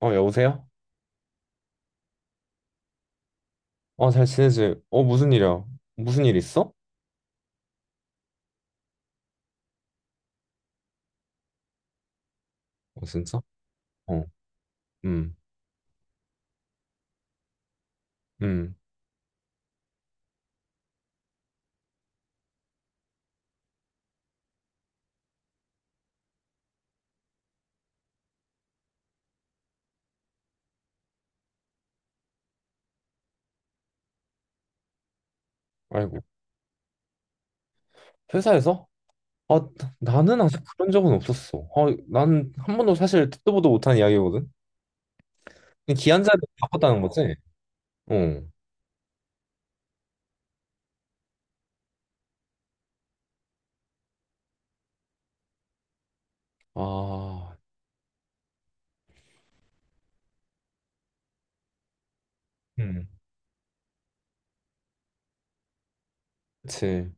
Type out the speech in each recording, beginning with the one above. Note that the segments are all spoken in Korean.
어, 여보세요? 어, 잘 지내지? 어, 무슨 일이야? 무슨 일 있어? 어, 진짜? 어, 음, 음, 아이고. 회사에서? 아, 나는 아직 그런 적은 없었어. 아, 난한 번도 사실 듣도 보도 못한 이야기거든? 근데 기한 자리를 바꿨다는 거지? 어. 아, 음, 그치.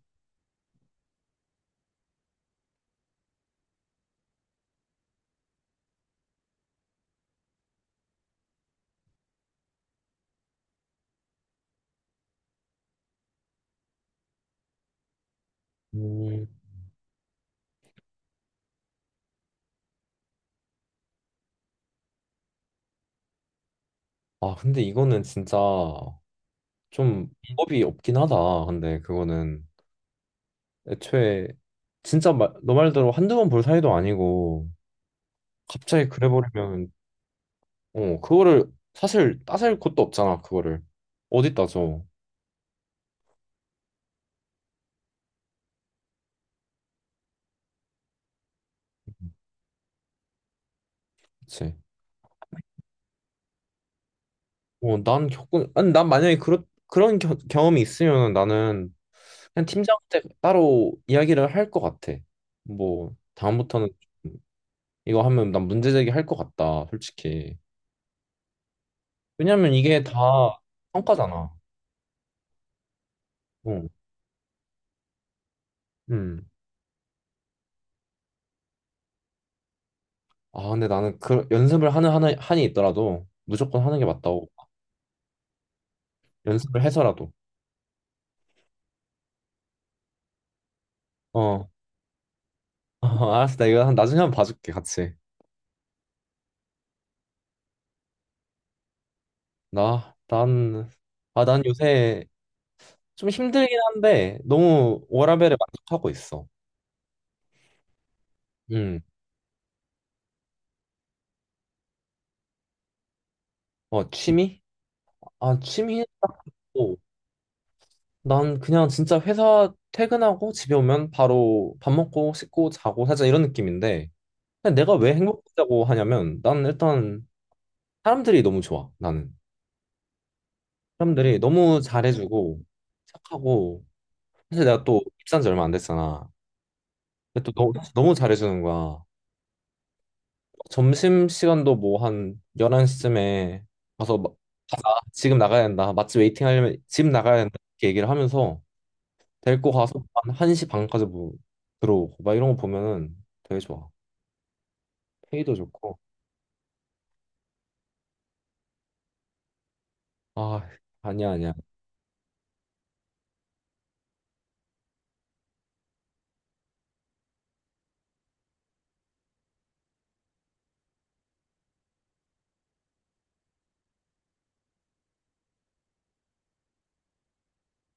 음, 아, 근데 이거는 진짜 좀 방법이 없긴 하다. 근데 그거는 애초에 진짜 너 말대로 한두 번 볼 사이도 아니고 갑자기 그래버리면 어, 그거를 사실 따질 곳도 없잖아, 그거를. 어디 따져. 그치. 어, 아니, 난 만약에 그런 경험이 있으면 나는 그냥 팀장한테 따로 이야기를 할 것 같아. 뭐, 다음부터는 좀 이거 하면 난 문제제기 할 것 같다, 솔직히. 왜냐면 이게 다 성과잖아. 어, 음. 아, 근데 나는 그 연습을 하는 한이 있더라도 무조건 하는 게 맞다고. 연습을 해서라도. 어, 알았어. 나 이거 나중에 한번 봐줄게, 같이. 나, 난, 아, 난 요새 좀 힘들긴 한데 너무 워라밸에 만족하고 있어. 음, 어, 취미? 아, 취미 딱 있고 난 그냥 진짜 회사 퇴근하고 집에 오면 바로 밥 먹고 씻고 자고 살짝 이런 느낌인데 근데 내가 왜 행복하다고 하냐면 난 일단 사람들이 너무 좋아, 나는. 사람들이 너무 잘해주고 착하고 사실 내가 또 입사한 지 얼마 안 됐잖아. 근데 또 너무 잘해주는 거야. 점심 시간도 뭐 한 11시쯤에 가서 막 가자. 지금 나가야 된다. 맛집 웨이팅 하려면 지금 나가야 된다. 이렇게 얘기를 하면서 데리고 가서 한 1시 반까지 뭐 들어오고 막 이런 거 보면은 되게 좋아. 페이도 좋고. 아, 아니야, 아니야.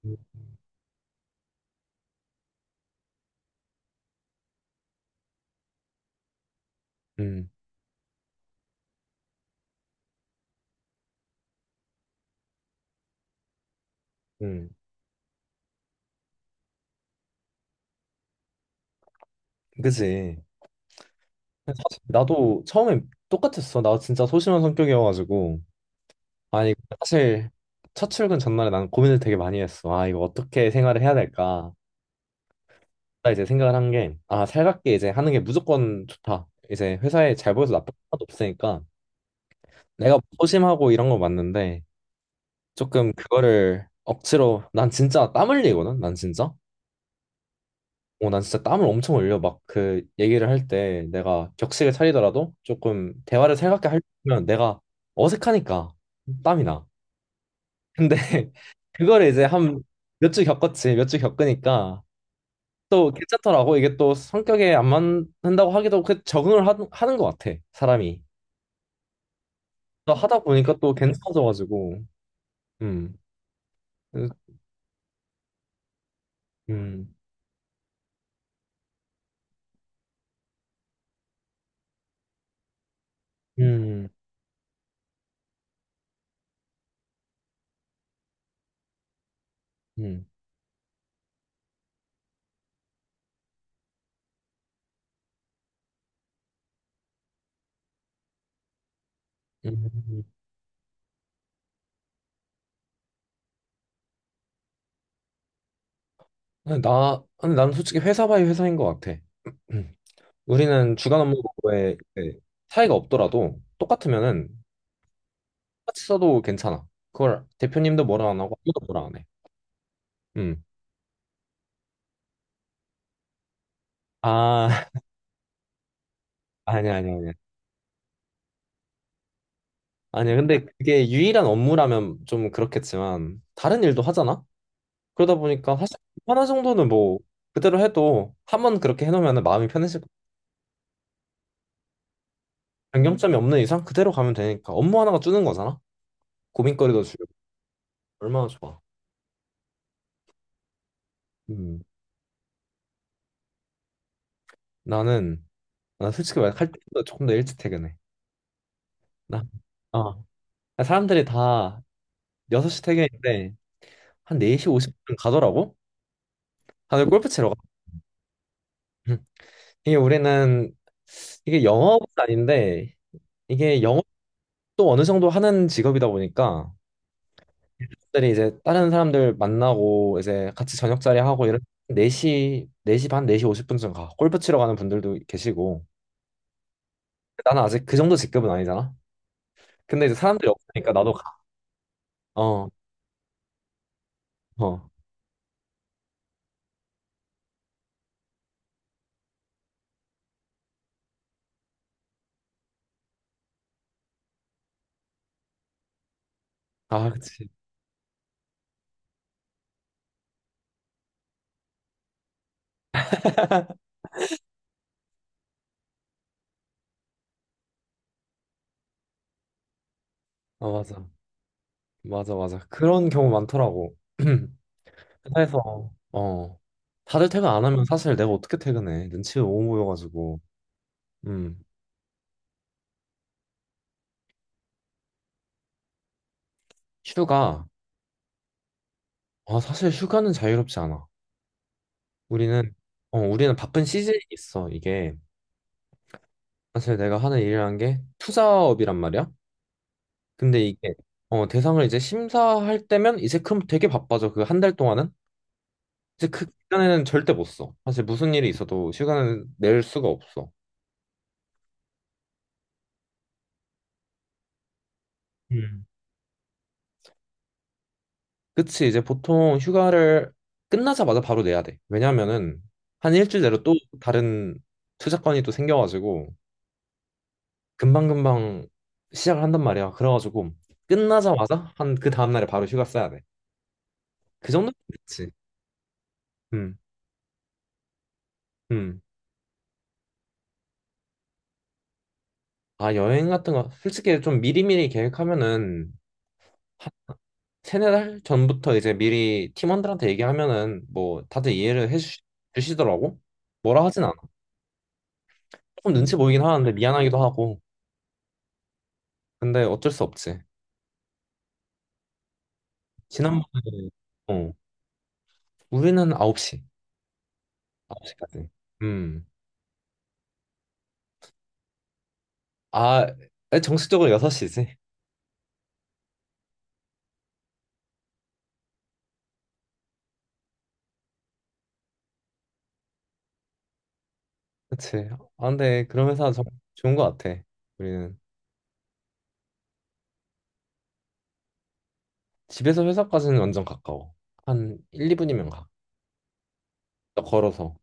음. 음. 음. 그지. 사실 나도 처음엔 똑같았어. 나 진짜 소심한 성격이어가지고. 아니, 사실 첫 출근 전날에 난 고민을 되게 많이 했어. 아, 이거 어떻게 생활을 해야 될까? 이제 생각을 한 게, 아, 살갑게 이제 하는 게 무조건 좋다. 이제 회사에 잘 보여서 나쁜 건 하나도 없으니까 내가 뭐 소심하고 이런 거 맞는데 조금 그거를 억지로 난 진짜 땀 흘리거든. 난 진짜. 어, 난 진짜 땀을 엄청 흘려. 막 그 얘기를 할 때 내가 격식을 차리더라도 조금 대화를 살갑게 하려면 내가 어색하니까 땀이 나. 근데 그거를 이제 한 몇 주 겪었지. 몇 주 겪으니까 또 괜찮더라고. 이게 또 성격에 안 맞는다고 하기도 그 적응을 하는 것 같아, 사람이. 또 하다 보니까 또 괜찮아져가지고. 음. 음. 음. 음. 음. 음. 근데 나는 솔직히 회사 바이 회사인 것 같아. 음. 우리는 주간 업무에 이제 차이가 없더라도 똑같으면은 똑같이 써도 괜찮아. 그걸 대표님도 뭐라 안 하고 아무도 뭐라 안 해. 음. 아, 아니야, 아니야, 아니야. 아니야, 근데 그게 유일한 업무라면 좀 그렇겠지만, 다른 일도 하잖아? 그러다 보니까 사실 하나 정도는 뭐 그대로 해도 한 번 그렇게 해놓으면 마음이 편해질 거 변경점이 없는 이상 그대로 가면 되니까 업무 하나가 주는 거잖아. 고민거리도 줄고 얼마나 좋아. 음, 나는 나 솔직히 말해 할 때보다 조금 더 일찍 퇴근해. 나, 아, 사람들이 다 6시 퇴근인데 한 4시 50분 가더라고. 다들 골프 치러 가. 음. 이게 우리는 이게 영업은 아닌데 이게 영업도 어느 정도 하는 직업이다 보니까 들이 이제 다른 사람들 만나고 이제 같이 저녁 자리 하고 이런 네시 4시 반 4시 50분쯤 가. 골프 치러 가는 분들도 계시고. 나는 아직 그 정도 직급은 아니잖아. 근데 이제 사람들이 없으니까 나도 가. 어. 어. 아, 그치. 어, 맞아. 맞아, 맞아. 그런 경우 많더라고. 회사에서 어. 다들 퇴근 안 하면 사실 내가 어떻게 퇴근해? 눈치 너무 보여가지고. 음. 휴가. 아, 사실 휴가는 자유롭지 않아. 우리는 우리는 바쁜 시즌이 있어, 이게. 사실 내가 하는 일이라는 게 투자업이란 말이야. 근데 이게 대상을 이제 심사할 때면 이제 그럼 되게 바빠져. 그 한 달 동안은 이제 그 기간에는 절대 못 써. 사실 무슨 일이 있어도 휴가는 낼 수가 없어. 음. 그치 이제 보통 휴가를 끝나자마자 바로 내야 돼. 왜냐면은 한 일주일 내로 또 다른 투자 건이 또 생겨가지고 금방금방 시작을 한단 말이야. 그래가지고 끝나자마자 한 그 다음날에 바로 휴가 써야 돼. 그 정도면 그치. 음, 음. 아, 여행 같은 거, 솔직히 좀 미리미리 계획하면은, 한 세네 달 전부터 이제 미리 팀원들한테 얘기하면은, 뭐, 다들 이해를 해주시더라고? 뭐라 하진 않아. 조금 눈치 보이긴 하는데, 미안하기도 하고. 근데 어쩔 수 없지. 지난번에, 어, 우리는 9시. 9시까지. 음. 아, 정식적으로 6시지. 그치. 아, 근데 그런 회사 좋은 거 같아. 우리는. 집에서 회사까지는 완전 가까워. 한 1, 2분이면 가. 걸어서.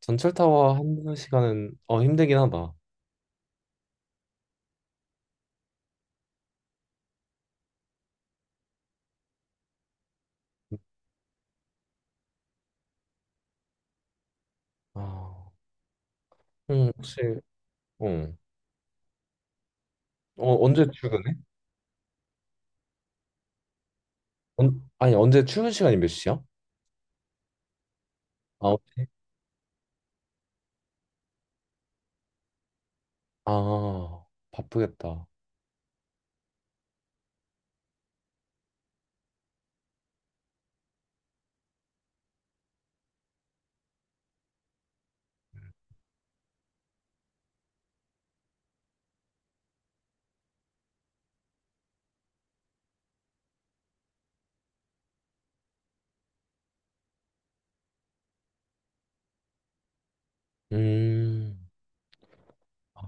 전철 타워 한 시간은 힘들긴 하다. 아, 혹시 어, 언제 출근해? 아니, 언제 출근 시간이 몇 시야? 9시? 아 바쁘겠다. 음, 아,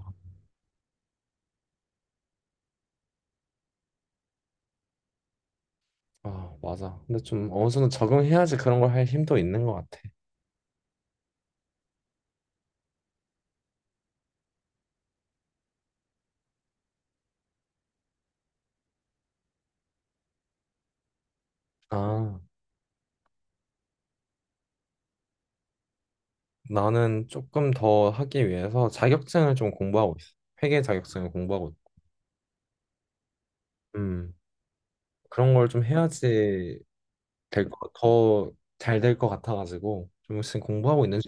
아, 맞아. 근데 좀 어느 정도 적응해야지 그런 걸 할 힘도 있는 것 같아. 아 나는 조금 더 하기 위해서 자격증을 좀 공부하고 있어. 회계 자격증을 공부하고 있고. 음 그런 걸 좀 해야지 될 거, 더 잘 될 것 같아가지고 좀 지금 공부하고 있는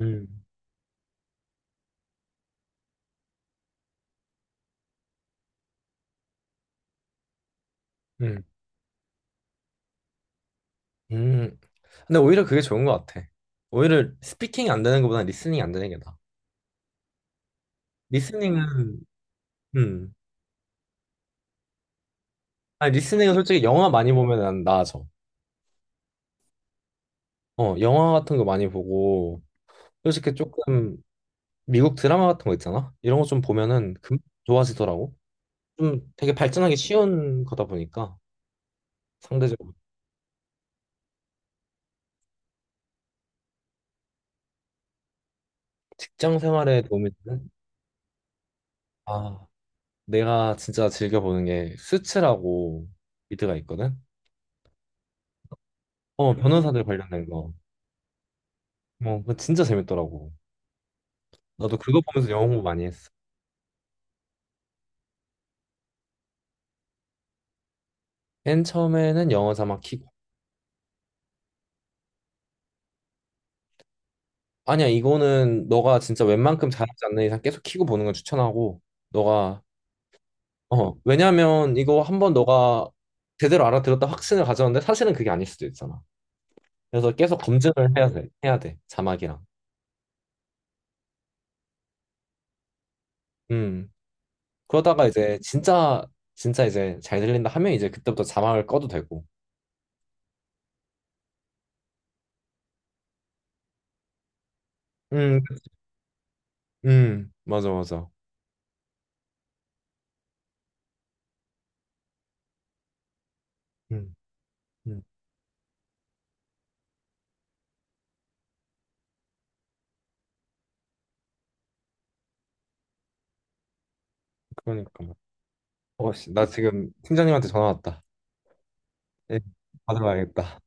음, 음, 음. 근데 오히려 그게 좋은 것 같아. 오히려 스피킹이 안 되는 것보다 리스닝이 안 되는 게 나아. 리스닝은, 음. 아니, 리스닝은 솔직히 영화 많이 보면 난 나아져. 어, 영화 같은 거 많이 보고, 솔직히 조금 미국 드라마 같은 거 있잖아? 이런 거 좀 보면은 금 좋아지더라고. 좀 되게 발전하기 쉬운 거다 보니까, 상대적으로. 직장 생활에 도움이 되는? 아, 내가 진짜 즐겨보는 게 수츠라고 미드가 있거든? 어, 변호사들 관련된 거. 뭐 그거 진짜 재밌더라고. 나도 그거 보면서 영어 공부 많이 했어. 맨 처음에는 영어 자막 키고. 아니야, 이거는 너가 진짜 웬만큼 잘하지 않는 이상 계속 키고 보는 걸 추천하고. 너가 왜냐면 이거 한번 너가 제대로 알아들었다 확신을 가졌는데 사실은 그게 아닐 수도 있잖아. 그래서 계속 검증을 해야 돼. 해야 돼. 자막이랑. 음. 그러다가 이제 진짜 진짜 이제 잘 들린다 하면 이제 그때부터 자막을 꺼도 되고. 음. 음. 맞아 맞아. 음. 음. 그러니까. 어, 씨, 나 지금 팀장님한테 전화 왔다. 예, 받으러 가야겠다.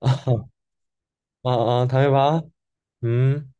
아, 아, 다음에 봐. 음.